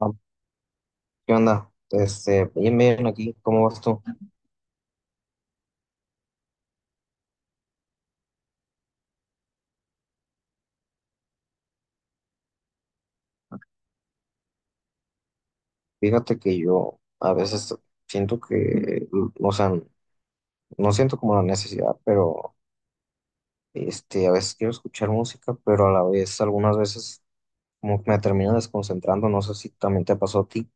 Ah, ¿Qué onda? Bien, bien aquí, ¿cómo vas tú? Fíjate que yo a veces siento que, o sea, no siento como la necesidad, pero a veces quiero escuchar música, pero a la vez, algunas veces como que me termino desconcentrando, no sé si también te pasó a ti.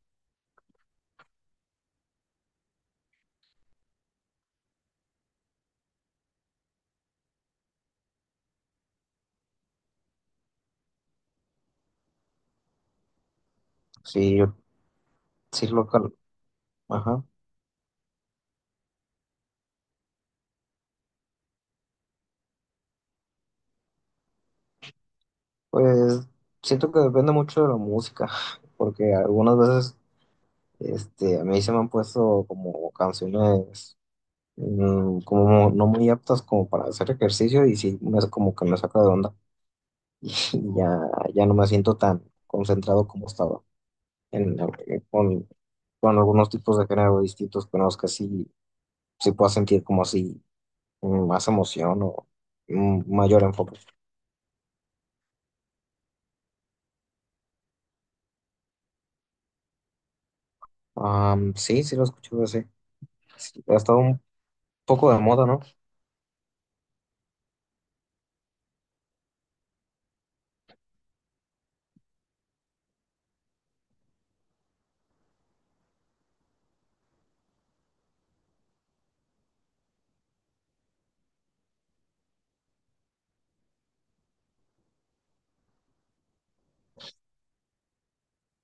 Sí, yo, sí, local, ajá. Pues siento que depende mucho de la música, porque algunas veces, a mí se me han puesto como canciones. Como no muy aptas como para hacer ejercicio y sí, como que me saca de onda y ya, ya no me siento tan concentrado como estaba en, eh, con, con algunos tipos de género distintos, pero es que sí, sí puedo sentir como así más emoción o mayor enfoque. Sí, sí lo escucho ese. Sí, ha estado un poco de moda, ¿no?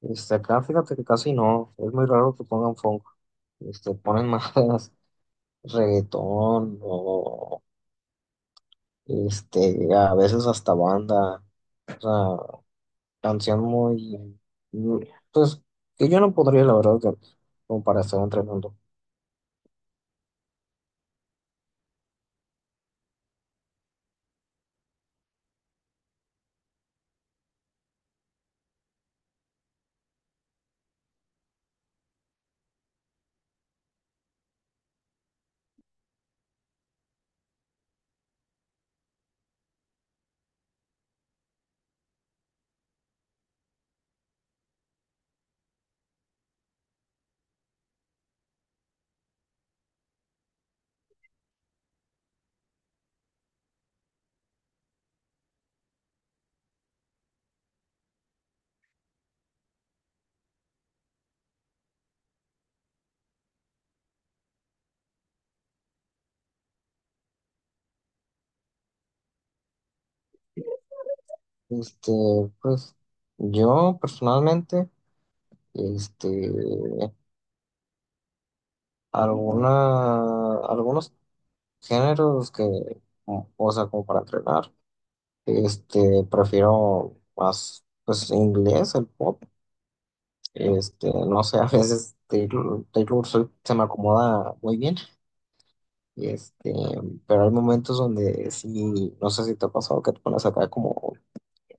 Acá fíjate que casi no, es muy raro que pongan funk, ponen más reggaetón o. Este, a veces hasta banda, o sea, canción pues, que yo no podría, la verdad, que- como para estar entrenando. Este, pues, yo personalmente, este, algunos géneros como para entrenar, prefiero más, pues, inglés, el pop, no sé, a veces Taylor Swift se me acomoda muy bien. Y pero hay momentos donde sí, no sé si te ha pasado que te pones acá como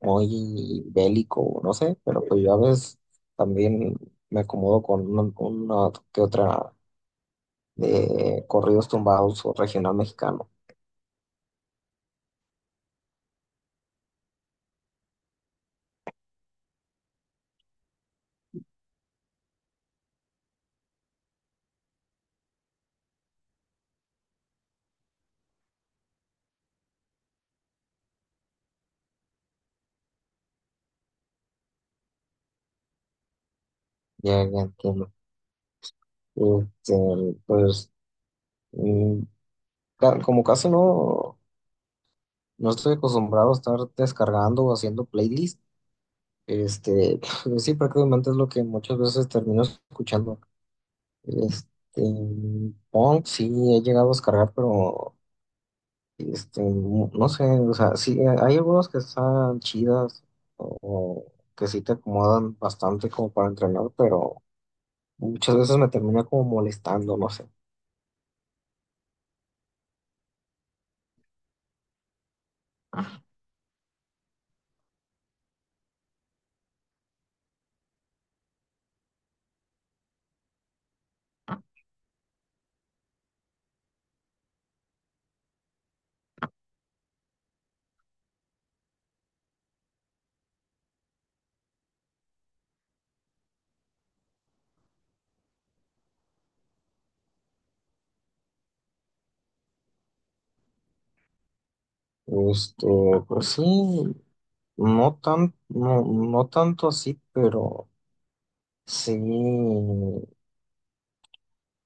muy bélico, no sé, pero pues yo a veces también me acomodo con una que otra de corridos tumbados o regional mexicano. Ya, ya entiendo. Este, pues mm, Como casi no, no estoy acostumbrado a estar descargando o haciendo playlist, pues sí, prácticamente es lo que muchas veces termino escuchando. Este, Pong sí he llegado a descargar, pero no sé, o sea, sí, hay algunos que están chidas o que sí te acomodan bastante como para entrenar, pero muchas veces me termina como molestando, no sé. Este, pues sí, no tanto así, pero sí.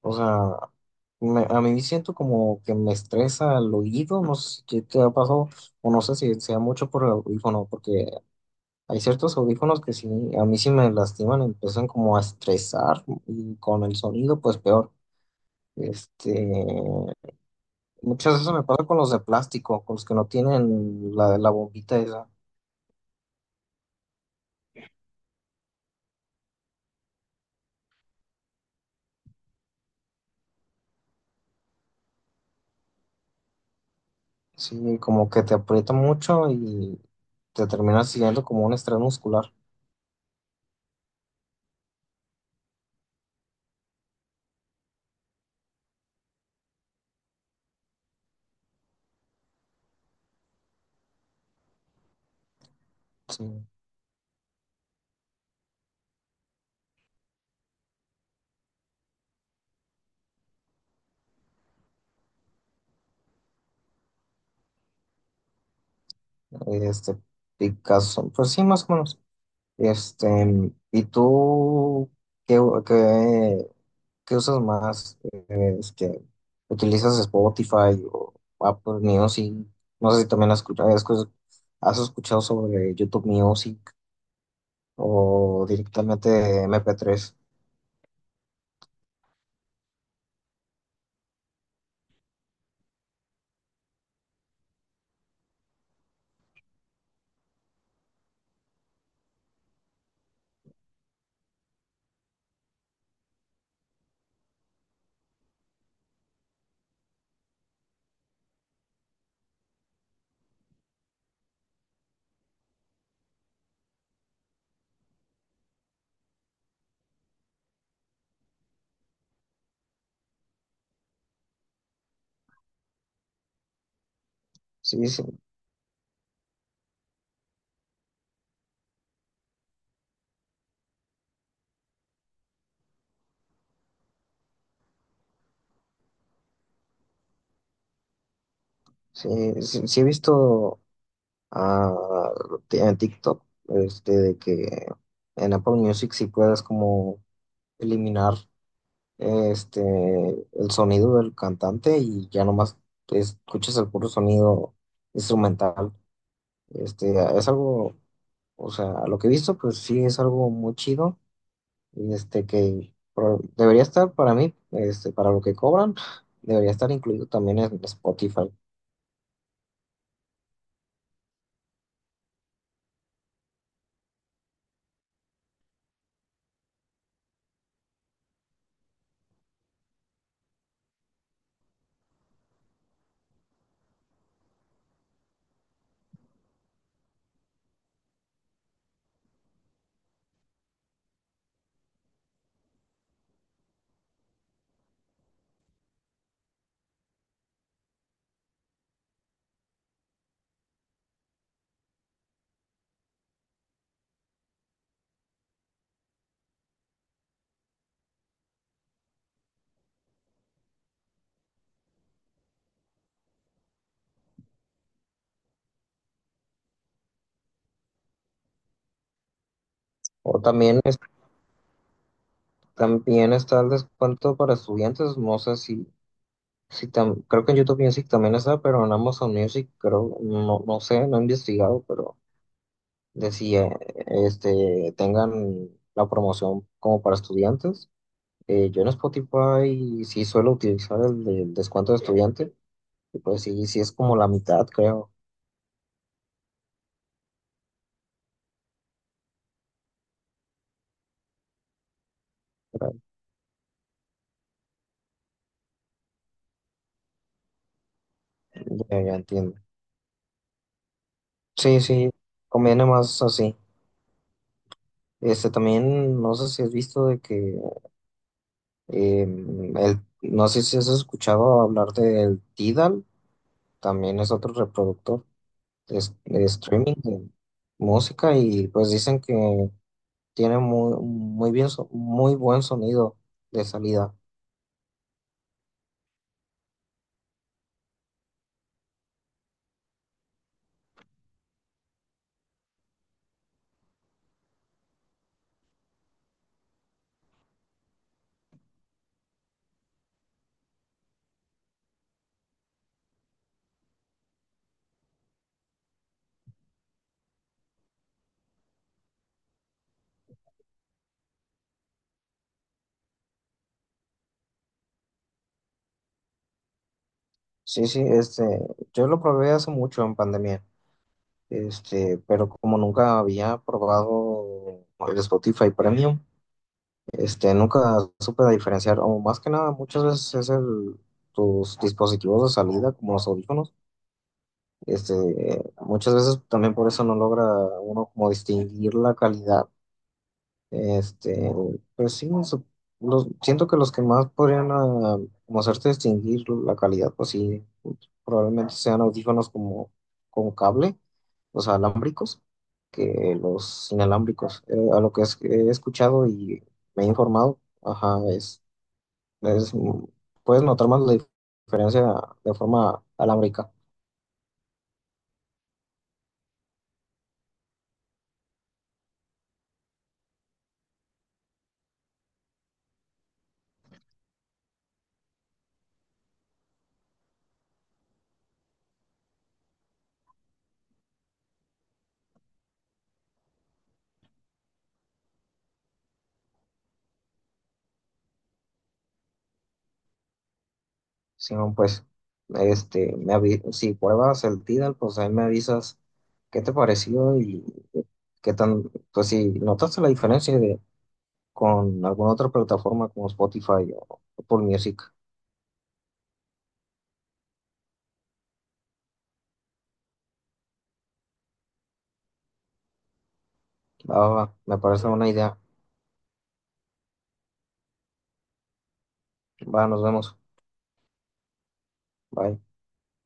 O sea, a mí siento como que me estresa el oído, no sé si qué te ha pasado, o no sé si sea mucho por el audífono, porque hay ciertos audífonos que sí, a mí sí me lastiman, empiezan como a estresar y con el sonido pues peor. Este, Muchas veces me pasa con los de plástico, con los que no tienen la bombita esa. Sí, como que te aprieta mucho y te terminas siguiendo como un estrés muscular. Sí, este, picazón, pues sí, más o menos. Este, ¿Y tú qué, qué, qué usas más? ¿Utilizas Spotify o Apple Music? No sé si también has escuchado sobre YouTube Music o directamente MP3. Sí, sí, sí, sí, sí he visto. ah, en TikTok de que en Apple Music sí puedes como eliminar este, el sonido del cantante y ya nomás escuchas el puro sonido instrumental. Este, es algo, o sea, a lo que he visto, pues sí es algo muy chido, y debería estar para mí, para lo que cobran, debería estar incluido también en Spotify. O también, también está el descuento para estudiantes, no sé si, si tam- creo que en YouTube Music también está, pero en Amazon Music creo, no, no sé, no he investigado, pero de si tengan la promoción como para estudiantes. Yo en Spotify sí suelo utilizar el descuento de estudiante, y pues sí, sí es como la mitad, creo. Ya, ya entiendo. Sí, sí, conviene más así. También, no sé si has visto de que, no sé si has escuchado hablar del Tidal, también es otro reproductor de streaming de música y pues dicen que tiene muy bien, muy buen sonido de salida. Sí, sí, yo lo probé hace mucho en pandemia, pero como nunca había probado el Spotify Premium, nunca supe diferenciar, o más que nada, muchas veces es tus dispositivos de salida, como los audífonos, este, muchas veces también por eso no logra uno como distinguir la calidad. Este, pues sí, siento que los que más podrían como hacerte distinguir la calidad, pues sí, probablemente sean audífonos como con cable, los alámbricos, que los inalámbricos. A lo que es- He escuchado y me he informado, ajá, es- puedes notar más la diferencia de forma alámbrica. Simón, pues, si pruebas el Tidal, pues ahí me avisas qué te pareció y qué tan, pues si notaste la diferencia de con alguna otra plataforma como Spotify o Apple Music. Va, va, va, me parece una idea. Va, nos vemos. Bye.